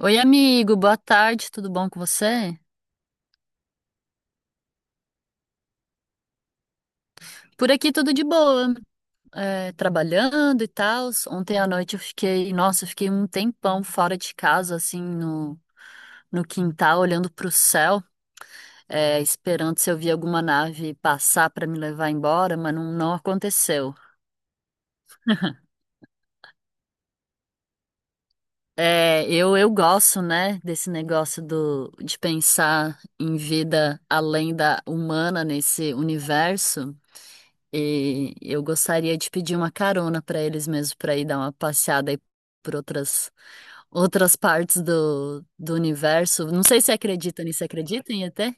Oi, amigo, boa tarde, tudo bom com você? Por aqui tudo de boa, trabalhando e tal. Ontem à noite eu fiquei, nossa, eu fiquei um tempão fora de casa, assim, no quintal, olhando pro céu, esperando se eu via alguma nave passar para me levar embora, mas não, não aconteceu. É, eu gosto, né, desse negócio de pensar em vida além da humana nesse universo. E eu gostaria de pedir uma carona para eles mesmo, para ir dar uma passeada aí por outras partes do universo. Não sei se acredita nisso, acredita em ET?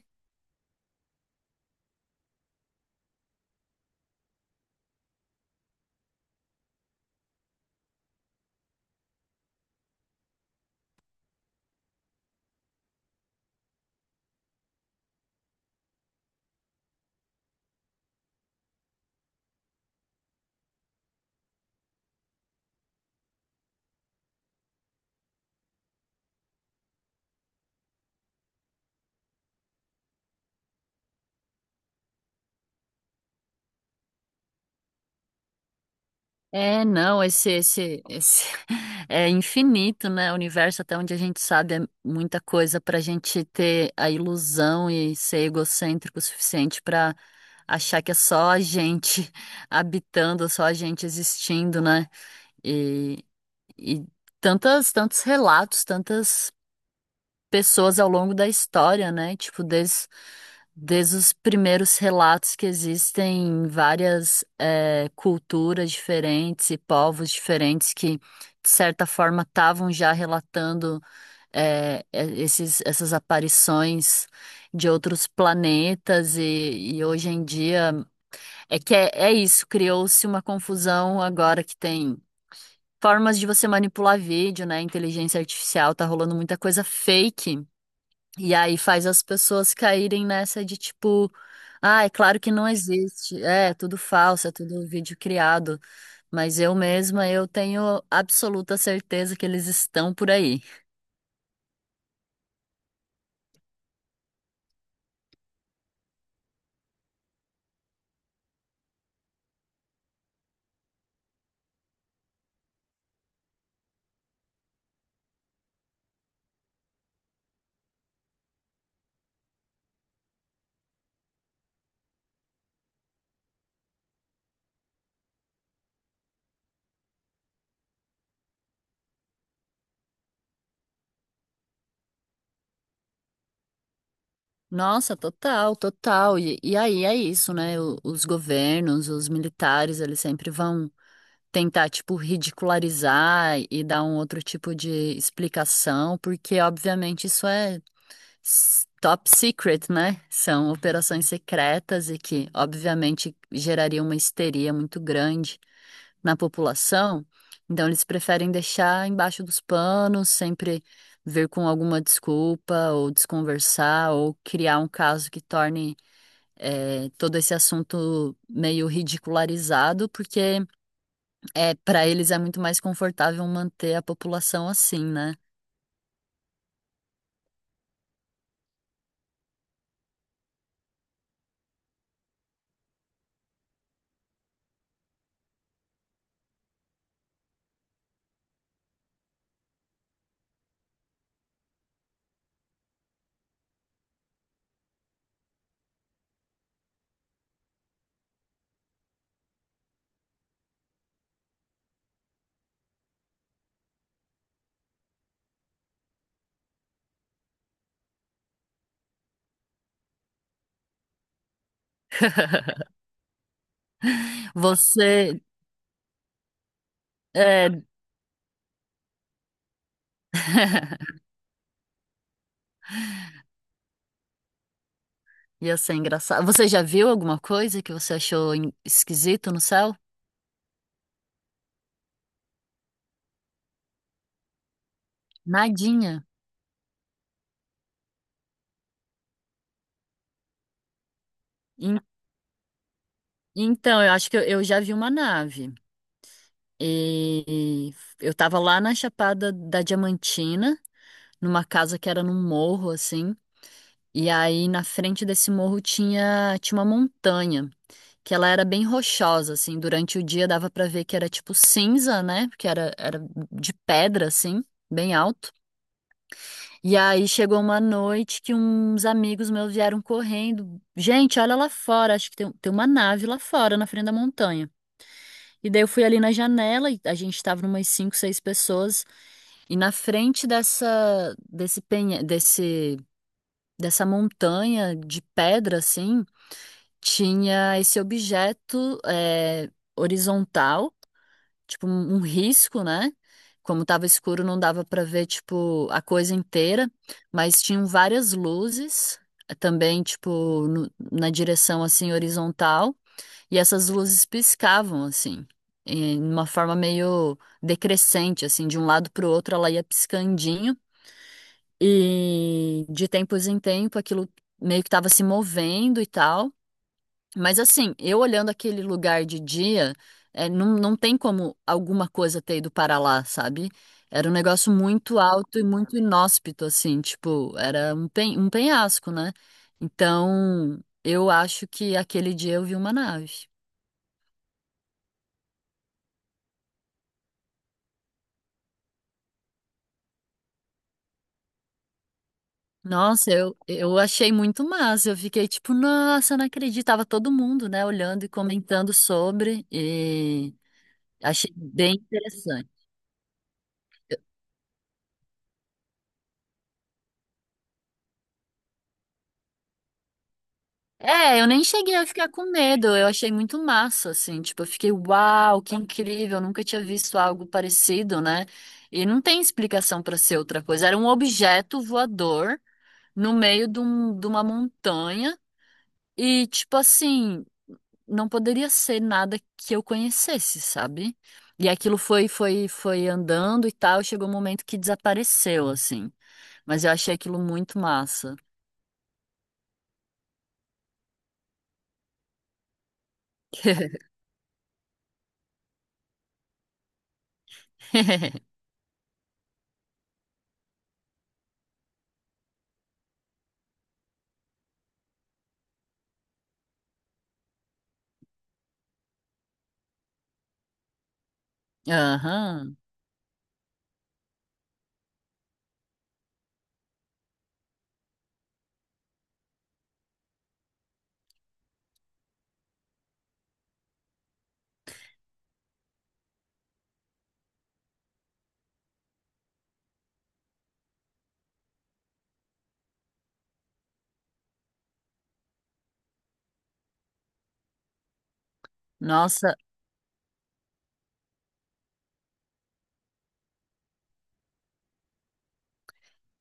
É, não, esse é infinito, né? O universo, até onde a gente sabe, é muita coisa para a gente ter a ilusão e ser egocêntrico o suficiente para achar que é só a gente habitando, só a gente existindo, né? E E tantos relatos, tantas pessoas ao longo da história, né? Tipo, desde os primeiros relatos que existem em várias culturas diferentes e povos diferentes que, de certa forma, estavam já relatando essas aparições de outros planetas e hoje em dia é que é isso, criou-se uma confusão agora que tem formas de você manipular vídeo, né? Inteligência artificial, tá rolando muita coisa fake. E aí faz as pessoas caírem nessa de tipo, ah, é claro que não existe, é tudo falso, é tudo vídeo criado, mas eu mesma eu tenho absoluta certeza que eles estão por aí. Nossa, total, total. E aí é isso, né? Os governos, os militares, eles sempre vão tentar, tipo, ridicularizar e dar um outro tipo de explicação, porque, obviamente, isso é top secret, né? São operações secretas e que, obviamente, gerariam uma histeria muito grande na população. Então, eles preferem deixar embaixo dos panos, sempre vir com alguma desculpa, ou desconversar, ou criar um caso que torne. Todo esse assunto meio ridicularizado, porque para eles é muito mais confortável manter a população assim, né? Você, é, Ia ser engraçado. Você já viu alguma coisa que você achou esquisito no céu? Nadinha. En- Então, eu acho que eu já vi uma nave. E eu tava lá na Chapada da Diamantina, numa casa que era num morro, assim. E aí, na frente desse morro tinha uma montanha, que ela era bem rochosa, assim. Durante o dia dava pra ver que era tipo cinza, né? Porque era de pedra, assim, bem alto. E aí chegou uma noite que uns amigos meus vieram correndo. Gente, olha lá fora, acho que tem uma nave lá fora, na frente da montanha. E daí eu fui ali na janela, e a gente tava umas cinco, seis pessoas, e na frente dessa, desse penha, desse, dessa montanha de pedra, assim, tinha esse objeto, horizontal tipo, um risco, né? Como tava escuro, não dava pra ver, tipo, a coisa inteira, mas tinham várias luzes também, tipo, na direção, assim, horizontal, e essas luzes piscavam, assim, em uma forma meio decrescente, assim, de um lado pro outro ela ia piscandinho, e de tempos em tempo aquilo meio que tava se movendo e tal. Mas assim, eu olhando aquele lugar de dia, é, não, não tem como alguma coisa ter ido para lá, sabe? Era um negócio muito alto e muito inóspito, assim, tipo, era um penhasco, né? Então, eu acho que aquele dia eu vi uma nave. Nossa, eu achei muito massa. Eu fiquei tipo, nossa, eu não acreditava todo mundo, né, olhando e comentando sobre, e achei bem interessante. É, eu nem cheguei a ficar com medo, eu achei muito massa, assim, tipo, eu fiquei, uau, que incrível, eu nunca tinha visto algo parecido, né? E não tem explicação pra ser outra coisa, era um objeto voador no meio de uma montanha e, tipo assim, não poderia ser nada que eu conhecesse, sabe? E aquilo foi andando e tal, chegou um momento que desapareceu, assim, mas eu achei aquilo muito massa. Aham, nossa.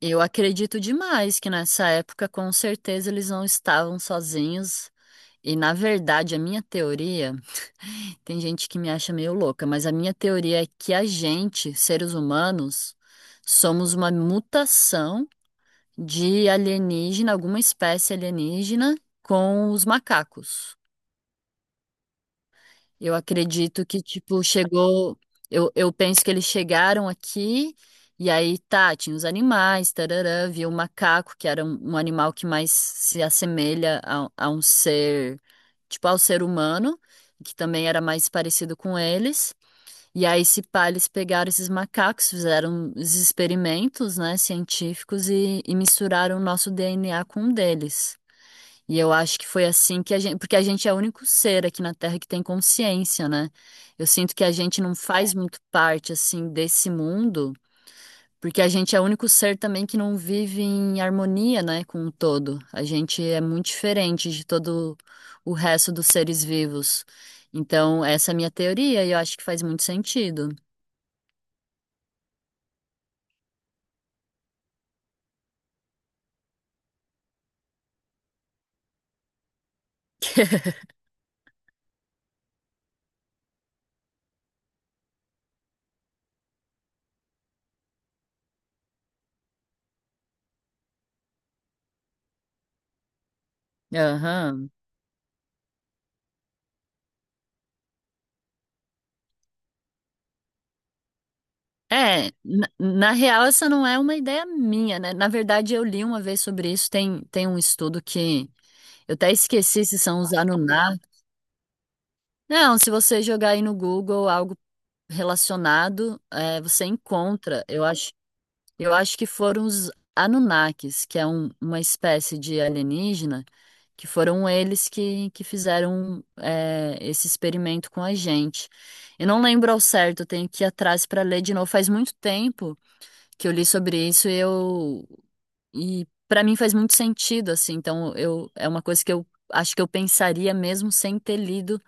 Eu acredito demais que nessa época, com certeza, eles não estavam sozinhos. E na verdade, a minha teoria, tem gente que me acha meio louca, mas a minha teoria é que a gente, seres humanos, somos uma mutação de alienígena, alguma espécie alienígena com os macacos. Eu acredito que, tipo, chegou. Eu penso que eles chegaram aqui e aí, tá, tinha os animais, tarará, viu o macaco, que era um animal que mais se assemelha a um ser, tipo, ao ser humano, que também era mais parecido com eles. E aí, se pá, eles pegaram esses macacos, fizeram os experimentos, né, científicos e misturaram o nosso DNA com o deles. E eu acho que foi assim que a gente, porque a gente é o único ser aqui na Terra que tem consciência, né? Eu sinto que a gente não faz muito parte assim desse mundo, porque a gente é o único ser também que não vive em harmonia, né, com o todo. A gente é muito diferente de todo o resto dos seres vivos. Então, essa é a minha teoria e eu acho que faz muito sentido. Aham. É, na real, essa não é uma ideia minha, né? Na verdade, eu li uma vez sobre isso. Tem um estudo que eu até esqueci se são os Anunnaki. Não, se você jogar aí no Google algo relacionado, é, você encontra. Eu acho que foram os Anunnakis, que é uma espécie de alienígena, que foram eles que fizeram é, esse experimento com a gente. Eu não lembro ao certo, eu tenho que ir atrás para ler de novo. Faz muito tempo que eu li sobre isso e eu e para mim faz muito sentido, assim. Então, eu é uma coisa que eu acho que eu pensaria mesmo sem ter lido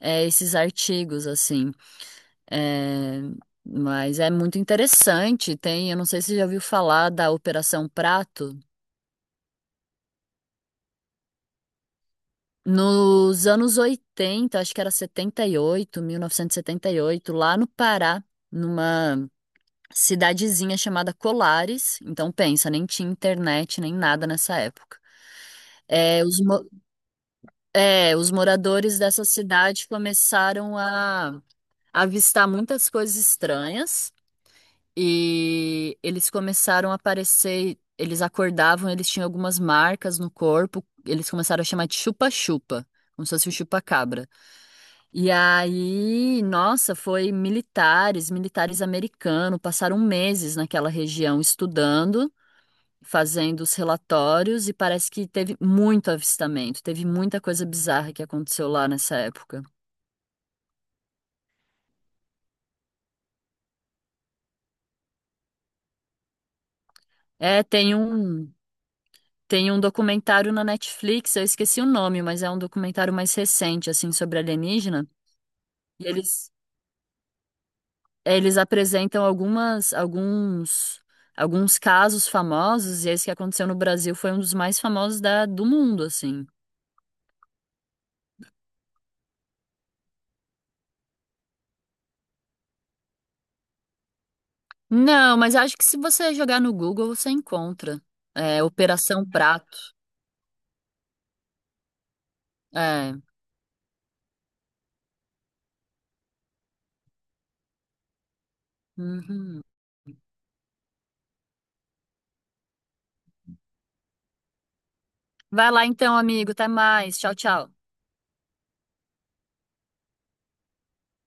esses artigos, assim. É, mas é muito interessante. Tem, eu não sei se você já ouviu falar da Operação Prato. Nos anos 80 acho que era setenta e oito mil novecentos e setenta e oito lá no Pará, numa cidadezinha chamada Colares. Então, pensa, nem tinha internet, nem nada nessa época. É, os É, os moradores dessa cidade começaram a avistar muitas coisas estranhas e eles começaram a aparecer. Eles acordavam, eles tinham algumas marcas no corpo, eles começaram a chamar de chupa-chupa, como se fosse o chupa-cabra. E aí, nossa, foi militares americanos, passaram meses naquela região estudando. Fazendo os relatórios e parece que teve muito avistamento, teve muita coisa bizarra que aconteceu lá nessa época. É, tem um documentário na Netflix, eu esqueci o nome, mas é um documentário mais recente, assim, sobre alienígena. E eles apresentam alguns casos famosos, e esse que aconteceu no Brasil foi um dos mais famosos da, do mundo, assim. Não, mas acho que se você jogar no Google, você encontra. É, Operação Prato. É. Uhum. Vai lá então, amigo. Até mais. Tchau, tchau.